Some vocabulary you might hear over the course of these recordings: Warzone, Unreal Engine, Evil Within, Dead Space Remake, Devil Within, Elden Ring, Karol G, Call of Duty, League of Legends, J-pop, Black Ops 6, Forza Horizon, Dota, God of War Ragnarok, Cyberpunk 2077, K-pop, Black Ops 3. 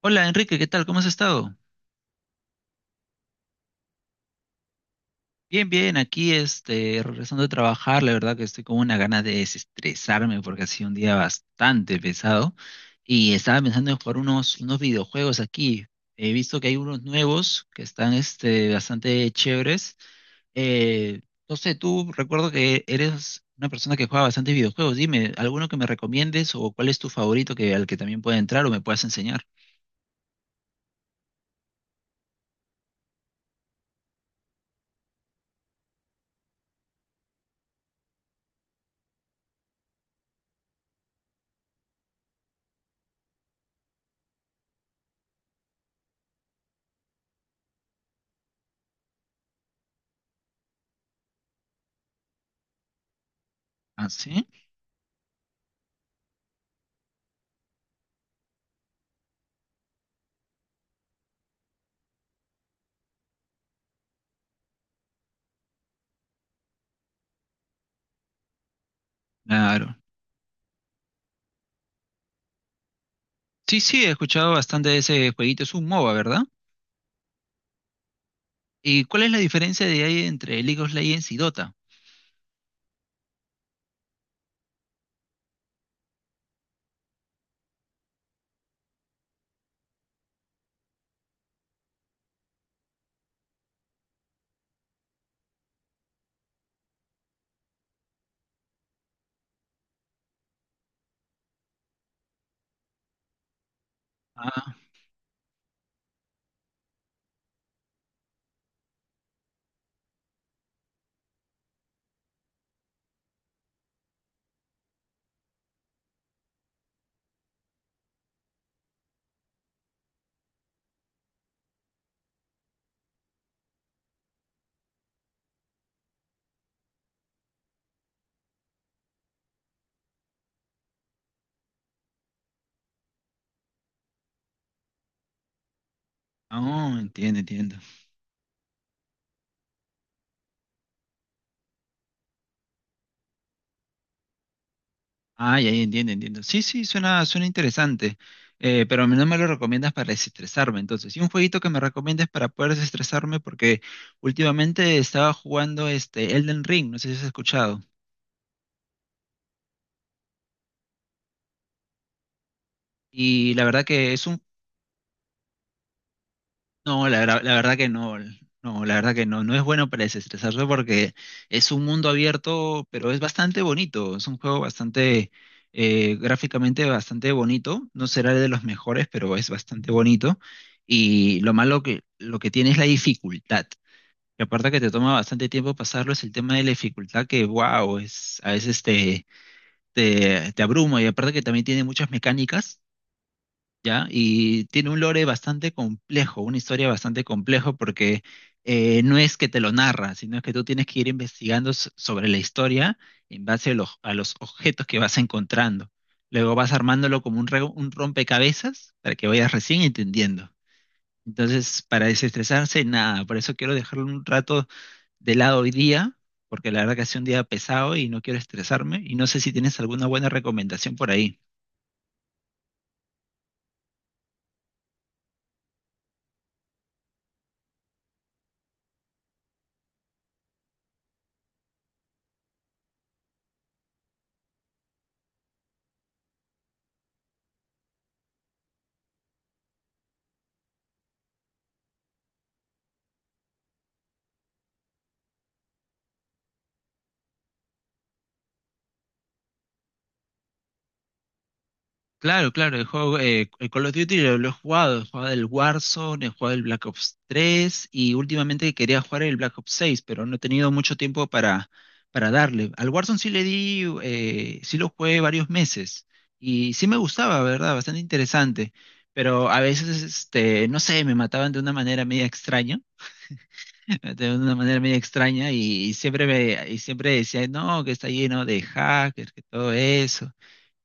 Hola, Enrique, ¿qué tal? ¿Cómo has estado? Bien, bien, aquí regresando a trabajar. La verdad que estoy con una gana de desestresarme porque ha sido un día bastante pesado y estaba pensando en jugar unos videojuegos aquí. He visto que hay unos nuevos que están bastante chéveres. Eh, no sé, tú recuerdo que eres una persona que juega bastante videojuegos. Dime, ¿alguno que me recomiendes o cuál es tu favorito al que también pueda entrar o me puedas enseñar? Ah, sí, claro. Sí, sí, he escuchado bastante de ese jueguito. Es un MOBA, ¿verdad? ¿Y cuál es la diferencia de ahí entre League of Legends y Dota? Ah, oh, entiendo, entiendo. Ah, ya, ya, entiendo, entiendo. Sí, sí, suena interesante. Pero no me lo recomiendas para desestresarme, entonces. Y un jueguito que me recomiendes para poder desestresarme, porque últimamente estaba jugando este Elden Ring, no sé si has escuchado. Y la verdad que es un... No, la, verdad- La verdad que no. No, la verdad que no. No es bueno para desestresarse porque es un mundo abierto, pero es bastante bonito. Es un juego bastante, gráficamente bastante bonito. No será de los mejores, pero es bastante bonito. Y lo malo lo que tiene es la dificultad. Y aparte que te toma bastante tiempo pasarlo, es el tema de la dificultad que, wow, es, a veces te abruma. Y aparte que también tiene muchas mecánicas, ¿ya? Y tiene un lore bastante complejo, una historia bastante compleja porque no es que te lo narra, sino es que tú tienes que ir investigando sobre la historia en base a a los objetos que vas encontrando. Luego vas armándolo como un rompecabezas para que vayas recién entendiendo. Entonces, para desestresarse, nada, por eso quiero dejarlo un rato de lado hoy día, porque la verdad que ha sido un día pesado y no quiero estresarme, y no sé si tienes alguna buena recomendación por ahí. Claro, claro, el juego, el Call of Duty lo he jugado el Warzone, he jugado el Black Ops 3 y últimamente quería jugar el Black Ops 6, pero no he tenido mucho tiempo para darle. Al Warzone sí le di, sí lo jugué varios meses y sí me gustaba, ¿verdad? Bastante interesante, pero a veces, no sé, me mataban de una manera media extraña, de una manera media extraña y siempre decía, no, que está lleno de hackers, que todo eso.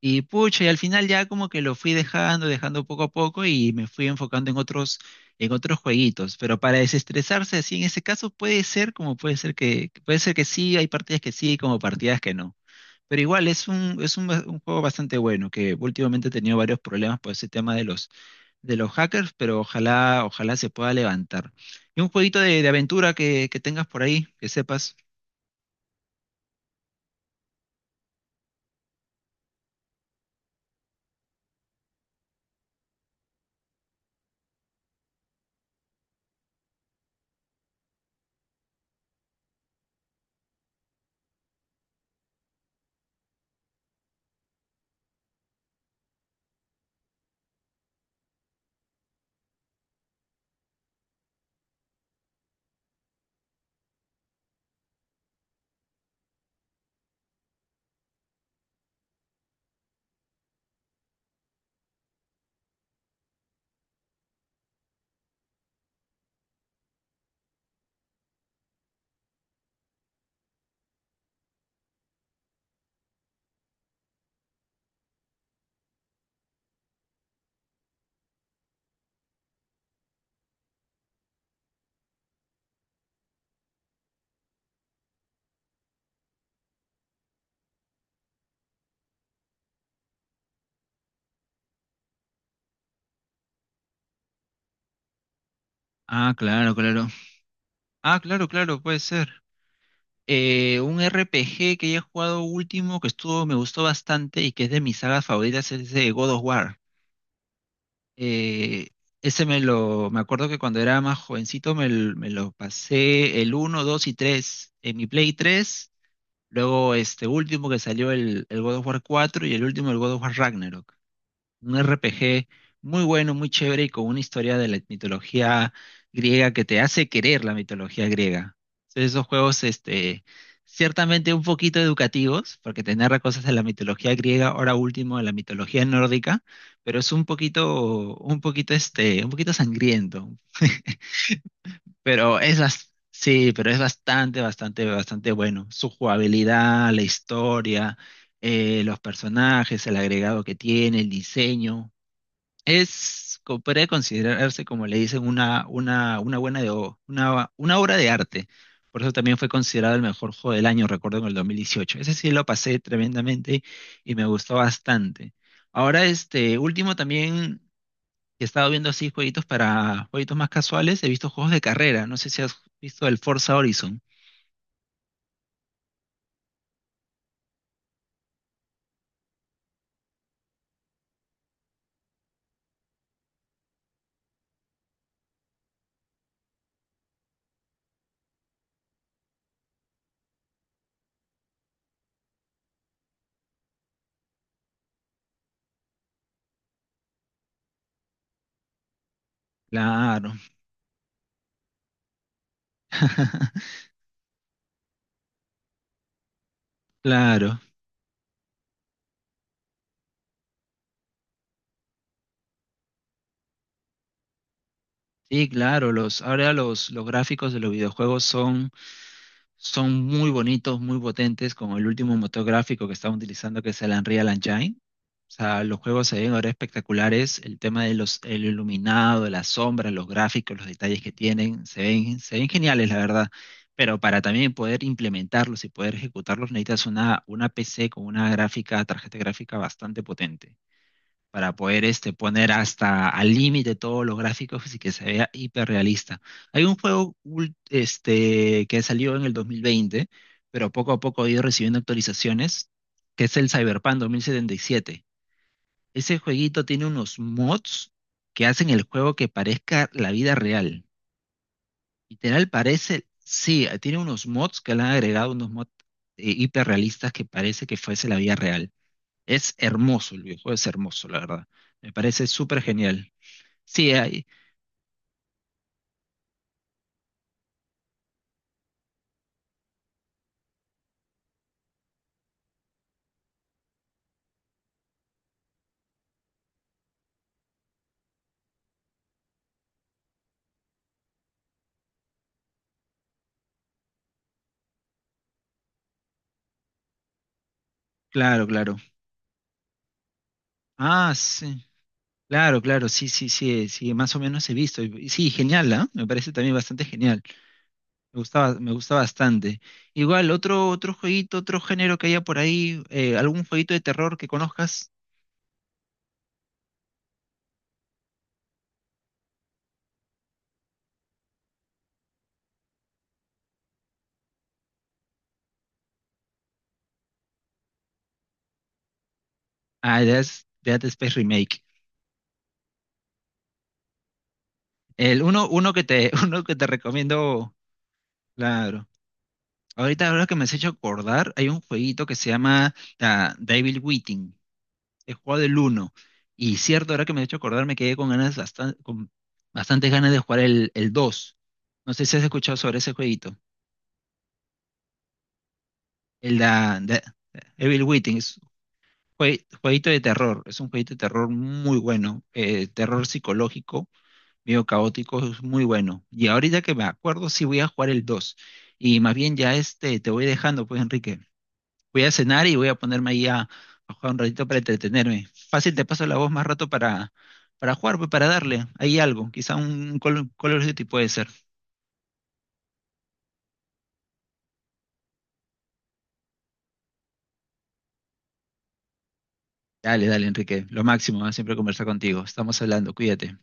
Y pucha, y al final ya como que lo fui dejando, dejando poco a poco y me fui enfocando en otros jueguitos. Pero para desestresarse así, en ese caso puede ser, como puede puede ser que sí, hay partidas que sí, como partidas que no. Pero igual es un juego bastante bueno, que últimamente he tenido varios problemas por ese tema de de los hackers, pero ojalá se pueda levantar. Y un jueguito de aventura que tengas por ahí, que sepas. Ah, claro, claro. Ah, claro, claro, puede ser. Un RPG que he jugado último, que estuvo, me gustó bastante y que es de mis sagas favoritas, es de God of War. Eh, Ese me acuerdo que cuando era más jovencito me lo pasé el uno, 2 y 3 en mi Play tres. Luego este último que salió el God of War 4 y el último el God of War Ragnarok, un RPG muy bueno, muy chévere y con una historia de la mitología griega que te hace querer la mitología griega. Entonces, esos juegos, ciertamente un poquito educativos, porque te narra cosas de la mitología griega, ahora último de la mitología nórdica, pero es un poquito sangriento. Pero es sí, pero es bastante, bastante, bastante bueno. Su jugabilidad, la historia, los personajes, el agregado que tiene, el diseño. Podría considerarse, como le dicen, una buena una obra de arte. Por eso también fue considerado el mejor juego del año, recuerdo, en el 2018. Ese sí lo pasé tremendamente y me gustó bastante. Ahora, este último también he estado viendo así jueguitos para jueguitos más casuales. He visto juegos de carrera. No sé si has visto el Forza Horizon. Claro, claro. Sí, claro, ahora los gráficos de los videojuegos son muy bonitos, muy potentes, con el último motor gráfico que están utilizando, que es el Unreal Engine. O sea, los juegos se ven ahora espectaculares, el tema de los, el iluminado, las sombras, los gráficos, los detalles que tienen, se ven geniales, la verdad. Pero para también poder implementarlos y poder ejecutarlos necesitas una PC con una gráfica, tarjeta gráfica bastante potente para poder poner hasta al límite todos los gráficos y que se vea hiperrealista. Hay un juego que salió en el 2020, pero poco a poco ha ido recibiendo actualizaciones, que es el Cyberpunk 2077. Ese jueguito tiene unos mods que hacen el juego que parezca la vida real. Literal parece, sí, tiene unos mods que le han agregado unos mods hiperrealistas que parece que fuese la vida real. Es hermoso, el videojuego es hermoso, la verdad. Me parece súper genial. Sí, ahí. Claro, claro. Ah, sí. Claro, claro, sí, sí, sí, sí, más o menos he visto. Y sí, genial, ¿ah? Me parece también bastante genial. Me gusta bastante. Igual, otro jueguito, otro género que haya por ahí, algún jueguito de terror que conozcas. Ah, Dead Space Remake. Uno que te, uno que te recomiendo, claro. Ahorita, ahora que me has hecho acordar, hay un jueguito que se llama, ah, Devil Within. He jugado el uno. Y cierto, ahora que me he hecho acordar, me quedé con ganas con bastantes ganas de jugar el 2. No sé si has escuchado sobre ese jueguito. El da- de, Evil Within es un jueguito de terror. Es un jueguito de terror muy bueno. Eh, terror psicológico, medio caótico, es muy bueno. Y ahorita que me acuerdo, sí voy a jugar el dos. Y más bien ya te voy dejando, pues, Enrique. Voy a cenar y voy a ponerme ahí a jugar un ratito para entretenerme. Fácil, te paso la voz más rato para jugar, pues, para darle ahí algo. Quizá un Call of Duty puede ser. Dale, dale, Enrique. Lo máximo, ¿ah? Siempre conversar contigo. Estamos hablando, cuídate.